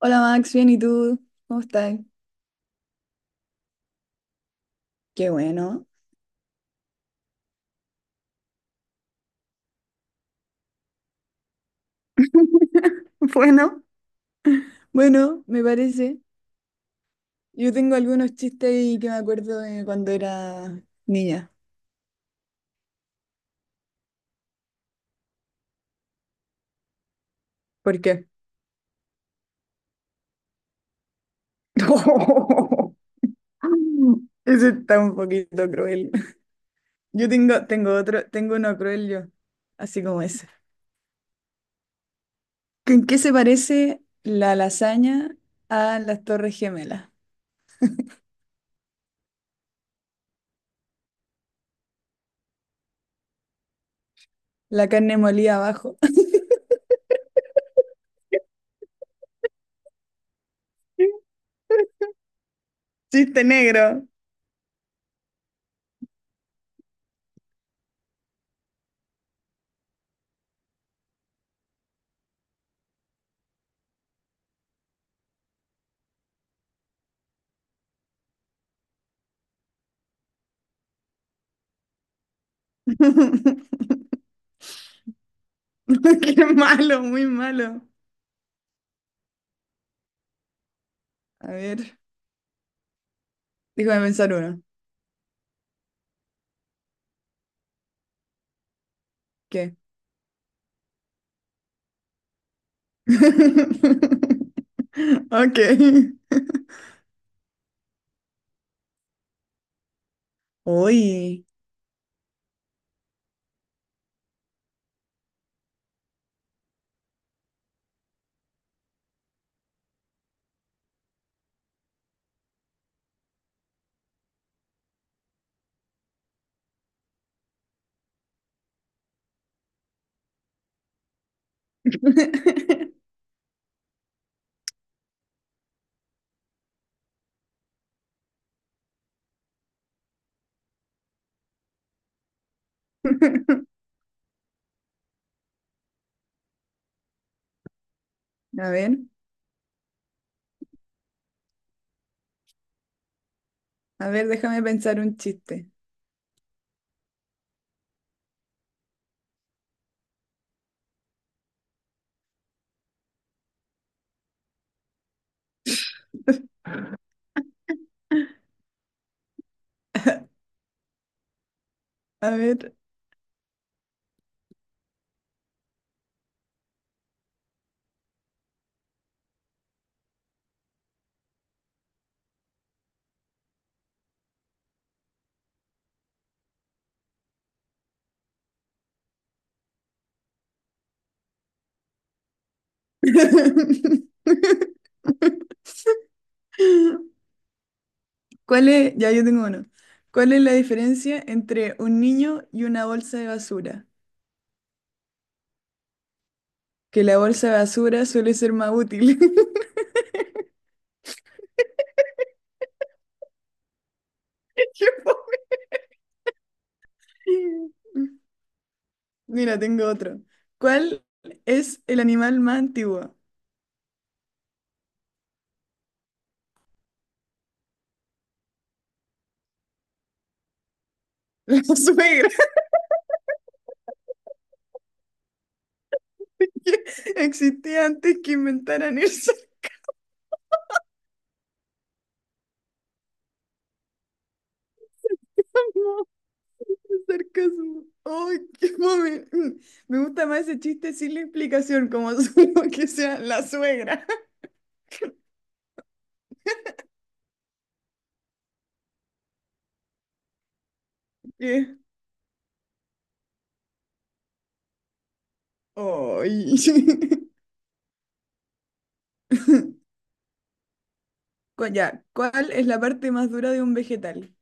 Hola Max, bien, ¿y tú? ¿Cómo estás? Qué bueno. Bueno, Bueno, me parece. Yo tengo algunos chistes ahí que me acuerdo de cuando era niña. ¿Por qué? Ese está un poquito cruel. Yo tengo uno cruel yo, así como ese. ¿En qué se parece la lasaña a las Torres Gemelas? La carne molida abajo. Chiste negro. Qué malo, muy malo. A ver, déjame pensar uno. ¿Qué? Ok. Uy. A ver, a ver, déjame pensar un chiste. A ver. ¿Cuál es? Ya yo tengo uno. ¿Cuál es la diferencia entre un niño y una bolsa de basura? Que la bolsa de basura suele ser más útil. Qué fome. Mira, tengo otro. ¿Cuál es el animal más antiguo? La suegra que existía antes que inventaran el sarcasmo. El sarcasmo. ¡Ay, qué mami! Me gusta más ese chiste sin la explicación, como solo que sea la suegra. Que- ¡Ay! Cu- Ya, ¿cuál es la parte más dura de un vegetal?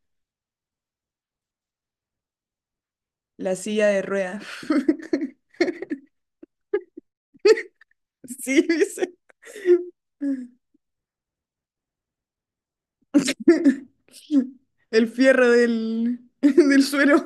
La silla de ruedas. Sí, dice. El fierro del suelo.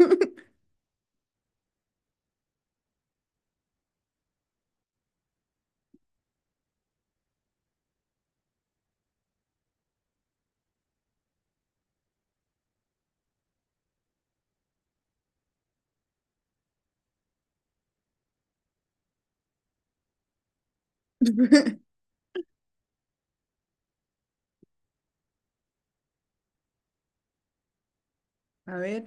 A ver,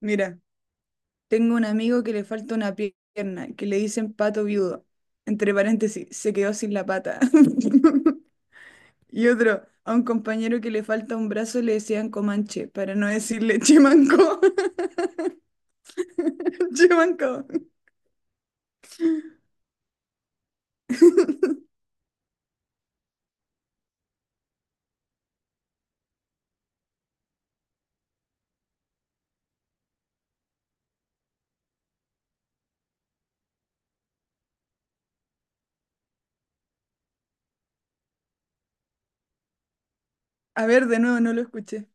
mira. Tengo un amigo que le falta una pierna, que le dicen pato viudo. Entre paréntesis, se quedó sin la pata. Y otro, a un compañero que le falta un brazo le decían Comanche, para no decirle Chimanco. Chimanco. A ver, de nuevo, no lo escuché.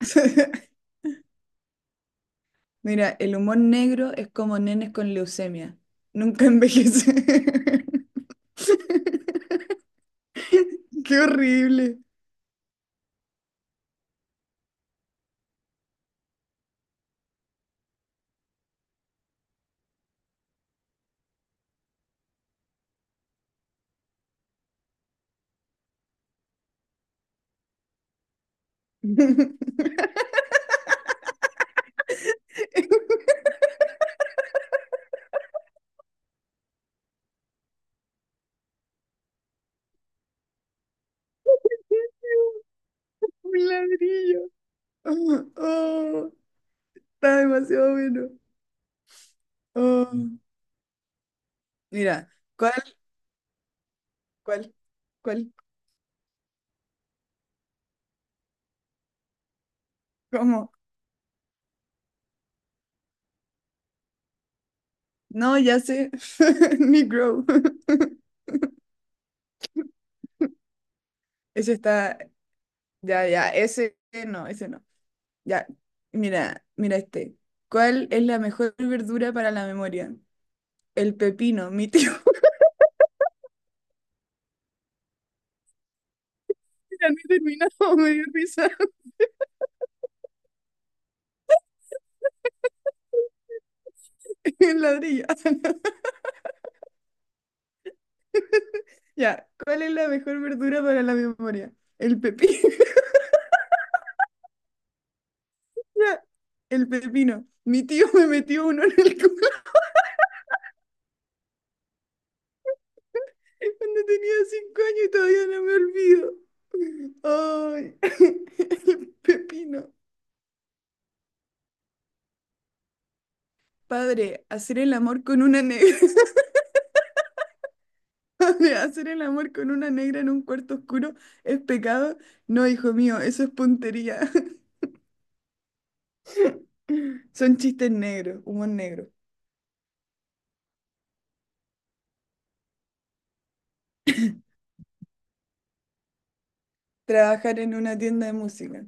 Mira, el humor negro es como nenes con leucemia. Nunca envejece. Qué horrible. Un ladrillo. Oh, está demasiado bueno. Oh. Mira, ¿cuál, cuál, cuál, cómo? No, ya sé, negro. Ese está, ya, ya, ese no. Ya, mira, mira este. ¿Cuál es la mejor verdura para la memoria? El pepino, mi tío. Ya no he terminado, me dio risa el ladrillo. Ya, ¿cuál es la mejor verdura para la memoria? El pepino. Ya, el pepino. Mi tío me metió uno en el culo. Cuando tenía 5 años y todavía no me olvido. Ay, el pepino. Padre, hacer el amor con una negra. Padre, hacer el amor con una negra en un cuarto oscuro es pecado. No, hijo mío, eso es puntería. Son chistes negros, humor negro. Trabajar en una tienda de música.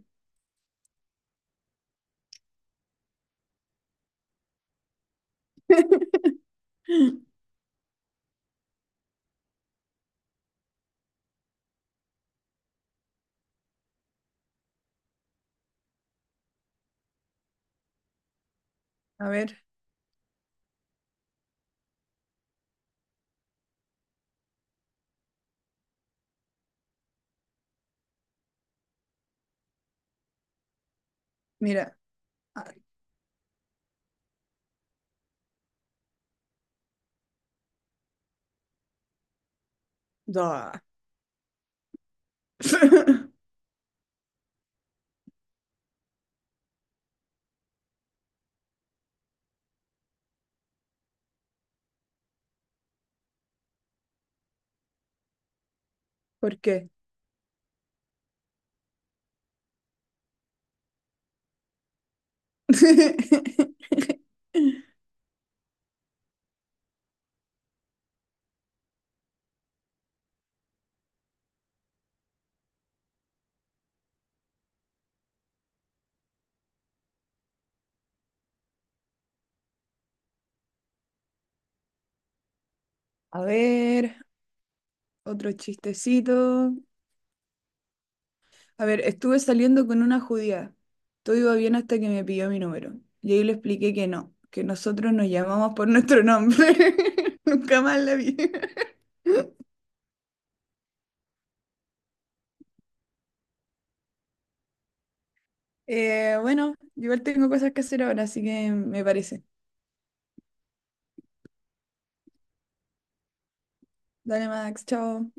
A ver, mira. Ah, da. ¿Por qué? A ver, otro chistecito. A ver, estuve saliendo con una judía. Todo iba bien hasta que me pidió mi número. Y ahí le expliqué que no, que nosotros nos llamamos por nuestro nombre. Nunca más la vi. Bueno, igual tengo cosas que hacer ahora, así que me parece. Dale, Max, chao.